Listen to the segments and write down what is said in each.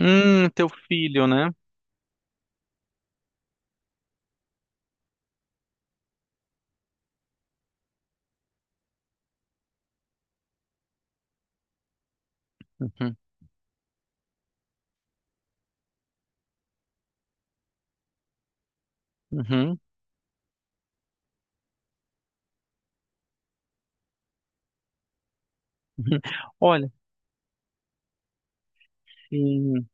Teu filho, né? Uhum, uhum. Olha, sim.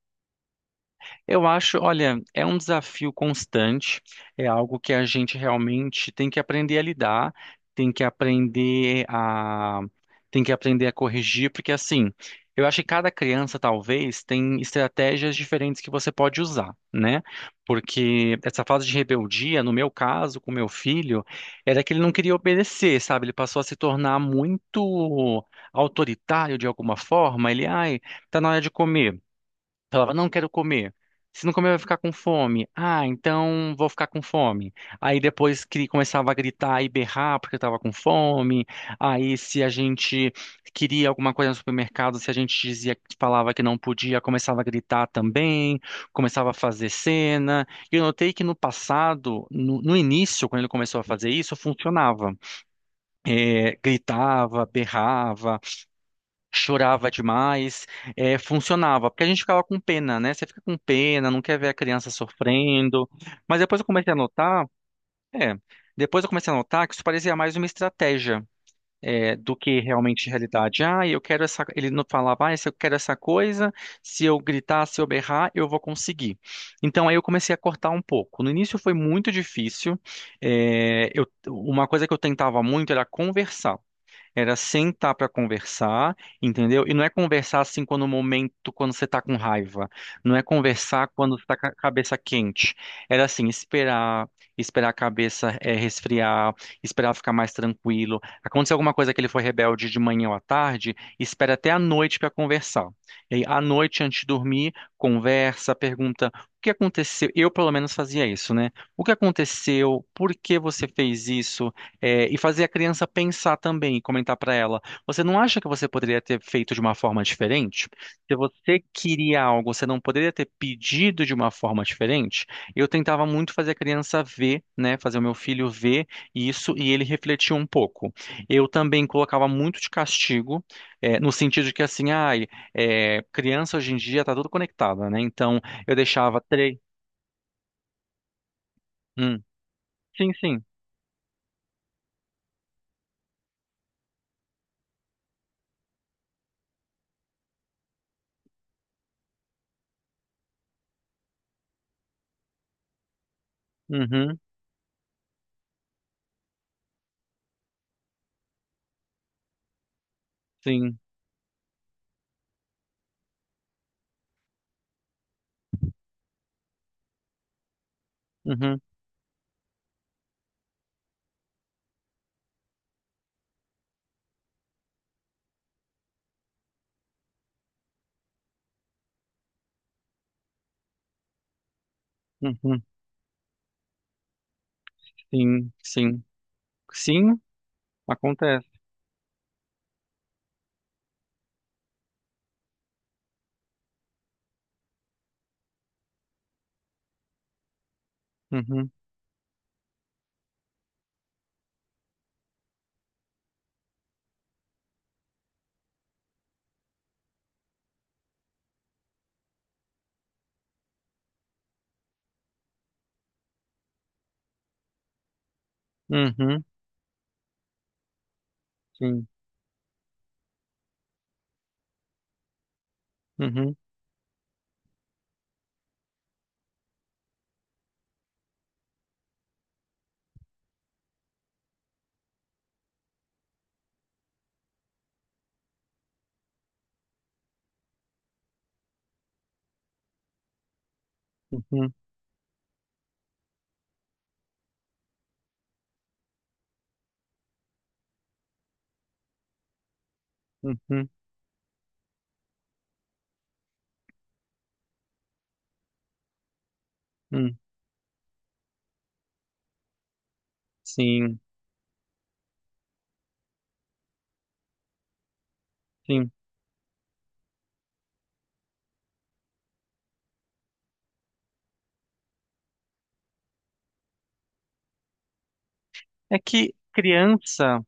Eu acho, olha, é um desafio constante, é algo que a gente realmente tem que aprender a lidar, tem que aprender a, tem que aprender a corrigir, porque assim, eu acho que cada criança talvez tem estratégias diferentes que você pode usar, né? Porque essa fase de rebeldia, no meu caso, com meu filho, era que ele não queria obedecer, sabe? Ele passou a se tornar muito autoritário de alguma forma. Ele, ai, tá na hora de comer. Falava, não quero comer. Se não comer, vai ficar com fome. Ah, então vou ficar com fome. Aí depois que começava a gritar e berrar porque eu tava com fome. Aí se a gente queria alguma coisa no supermercado, se a gente dizia, falava que não podia, começava a gritar também, começava a fazer cena. E eu notei que no passado, no início, quando ele começou a fazer isso, funcionava. É, gritava, berrava, chorava demais, funcionava, porque a gente ficava com pena, né? Você fica com pena, não quer ver a criança sofrendo. Mas depois eu comecei a notar, é, Depois eu comecei a notar que isso parecia mais uma estratégia. Do que realmente realidade. Ah, eu quero essa. Ele não falava, ah, se eu quero essa coisa, se eu gritar, se eu berrar, eu vou conseguir. Então aí eu comecei a cortar um pouco. No início foi muito difícil. Uma coisa que eu tentava muito era conversar. Era sentar pra conversar, entendeu? E não é conversar assim quando você tá com raiva. Não é conversar quando você tá com a cabeça quente. Era assim, esperar, esperar a cabeça resfriar, esperar ficar mais tranquilo. Aconteceu alguma coisa que ele foi rebelde de manhã ou à tarde, espera até à noite pra conversar. E aí, à noite, antes de dormir, conversa, pergunta o que aconteceu. Eu, pelo menos, fazia isso, né? O que aconteceu? Por que você fez isso? É, e fazer a criança pensar também e comentar para ela: você não acha que você poderia ter feito de uma forma diferente? Se você queria algo, você não poderia ter pedido de uma forma diferente? Eu tentava muito fazer a criança ver, né, fazer o meu filho ver isso e ele refletir um pouco. Eu também colocava muito de castigo, no sentido de que assim, ai, criança hoje em dia tá tudo conectada, né? Então eu deixava três. Hum. Sim, sim. Uhum, sim. Uhum, uhum, sim, sim. Sim, acontece. Uhum, uhum, sim. Uhum, uhum, uhum, uhum, sim, sim. É que criança.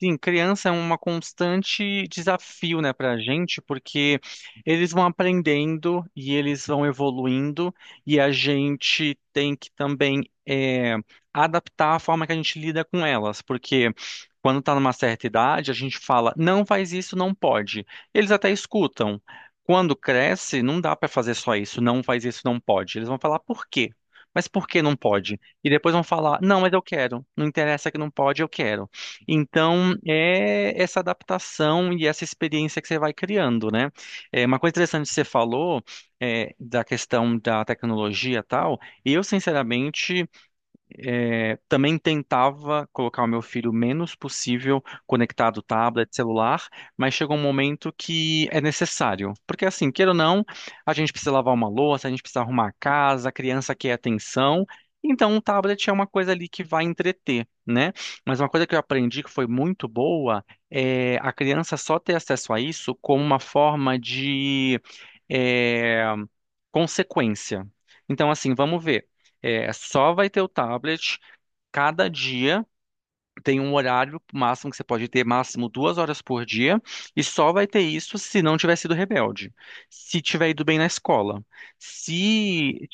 Sim, criança é uma constante desafio, né, pra gente, porque eles vão aprendendo e eles vão evoluindo, e a gente tem que também adaptar a forma que a gente lida com elas, porque quando tá numa certa idade, a gente fala, não faz isso, não pode. Eles até escutam. Quando cresce, não dá pra fazer só isso, não faz isso, não pode. Eles vão falar por quê? Mas por que não pode? E depois vão falar, não, mas eu quero. Não interessa que não pode, eu quero. Então, é essa adaptação e essa experiência que você vai criando, né? É, uma coisa interessante que você falou da questão da tecnologia e tal, eu, sinceramente, também tentava colocar o meu filho o menos possível conectado tablet, celular, mas chegou um momento que é necessário. Porque assim, queira ou não, a gente precisa lavar uma louça, a gente precisa arrumar a casa, a criança quer atenção. Então, um tablet é uma coisa ali que vai entreter, né? Mas uma coisa que eu aprendi que foi muito boa é a criança só ter acesso a isso como uma forma de é, consequência. Então, assim, vamos ver. É, só vai ter o tablet cada dia. Tem um horário máximo que você pode ter, máximo duas horas por dia, e só vai ter isso se não tiver sido rebelde, se tiver ido bem na escola, se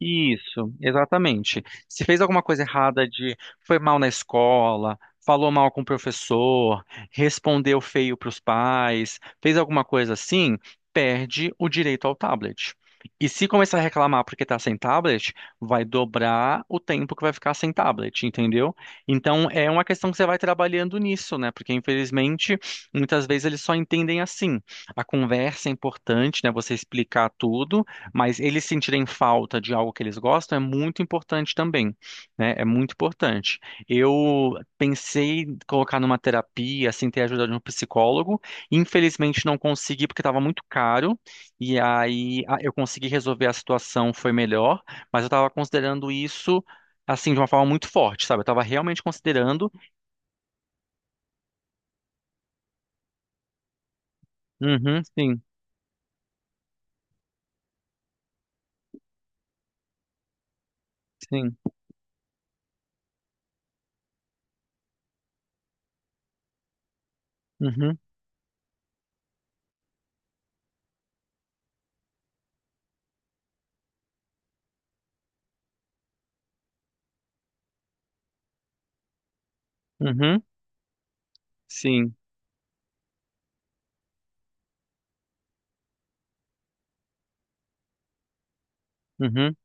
isso, exatamente. Se fez alguma coisa errada, de foi mal na escola, falou mal com o professor, respondeu feio para os pais, fez alguma coisa assim, perde o direito ao tablet. E se começar a reclamar porque está sem tablet, vai dobrar o tempo que vai ficar sem tablet, entendeu? Então é uma questão que você vai trabalhando nisso, né? Porque infelizmente muitas vezes eles só entendem assim. A conversa é importante, né? Você explicar tudo, mas eles sentirem falta de algo que eles gostam é muito importante também, né? É muito importante. Eu pensei em colocar numa terapia, assim, ter a ajuda de um psicólogo. Infelizmente não consegui porque estava muito caro. E aí eu consegui resolver a situação, foi melhor. Mas eu estava considerando isso, assim, de uma forma muito forte, sabe? Eu estava realmente considerando. Uhum, sim, sim. Uhum, uhum, sim. Uhum,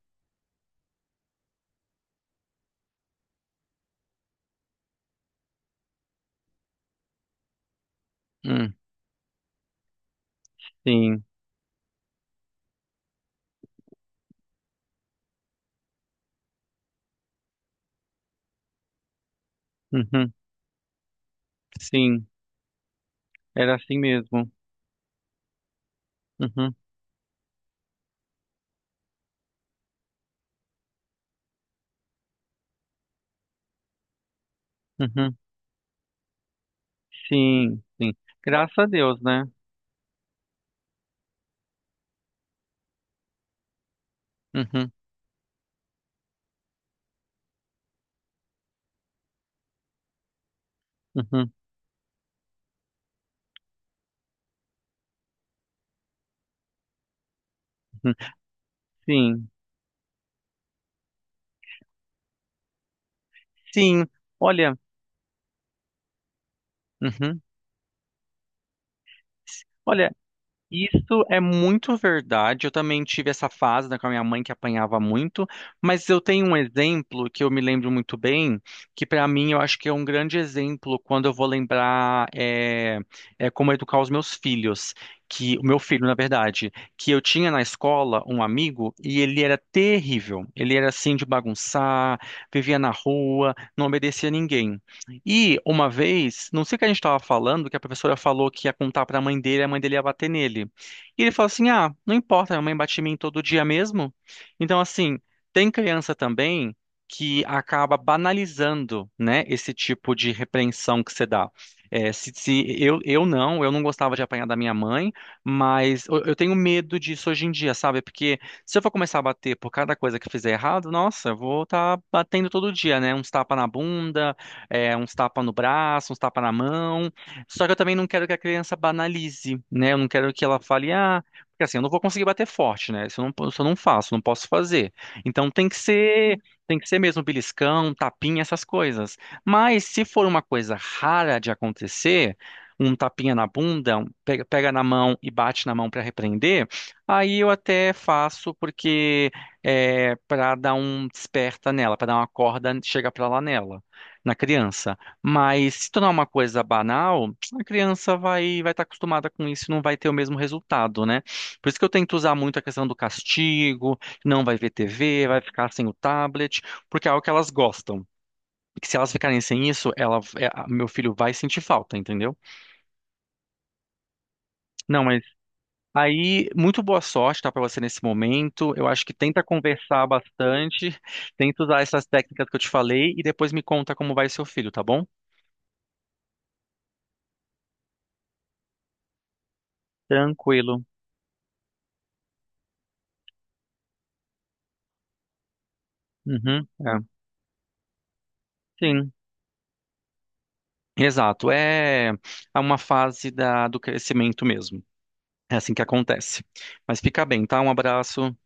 hum, sim. Uhum, sim. Era assim mesmo. Uhum, uhum. Sim, sim. Graças a Deus, né? Uhum, uhum, uhum. Sim, sim. Olha, uhum. Olha, isso é muito verdade. Eu também tive essa fase, né, com a minha mãe que apanhava muito, mas eu tenho um exemplo que eu me lembro muito bem, que para mim eu acho que é um grande exemplo quando eu vou lembrar é como educar os meus filhos, que o meu filho, na verdade, que eu tinha na escola um amigo e ele era terrível. Ele era assim de bagunçar, vivia na rua, não obedecia a ninguém. E uma vez, não sei o que a gente estava falando, que a professora falou que ia contar para a mãe dele, e a mãe dele ia bater nele. E ele falou assim: "Ah, não importa, minha mãe bate em mim todo dia mesmo". Então, assim, tem criança também que acaba banalizando, né, esse tipo de repreensão que você dá. É, se eu não gostava de apanhar da minha mãe, mas eu tenho medo disso hoje em dia, sabe? Porque se eu for começar a bater por cada coisa que eu fizer errado, nossa, eu vou estar batendo todo dia, né? Uns tapa na bunda, uns tapa no braço, uns tapa na mão. Só que eu também não quero que a criança banalize, né? Eu não quero que ela fale, ah, porque assim, eu não vou conseguir bater forte, né? Isso eu não faço, não posso fazer. Então tem que ser mesmo beliscão, tapinha, essas coisas. Mas se for uma coisa rara de acontecer, um tapinha na bunda, um pega, pega na mão e bate na mão para repreender, aí eu até faço porque é para dar um desperta nela, para dar uma corda, chega para lá nela, na criança. Mas se tornar uma coisa banal, a criança vai estar acostumada com isso e não vai ter o mesmo resultado, né? Por isso que eu tento usar muito a questão do castigo, não vai ver TV, vai ficar sem o tablet, porque é algo que elas gostam. E que se elas ficarem sem isso, meu filho vai sentir falta, entendeu? Não, mas aí, muito boa sorte, tá, para você nesse momento. Eu acho que tenta conversar bastante, tenta usar essas técnicas que eu te falei e depois me conta como vai seu filho, tá bom? Tranquilo. Uhum. É. Sim, exato. É uma fase da, do crescimento mesmo. É assim que acontece. Mas fica bem, tá? Um abraço.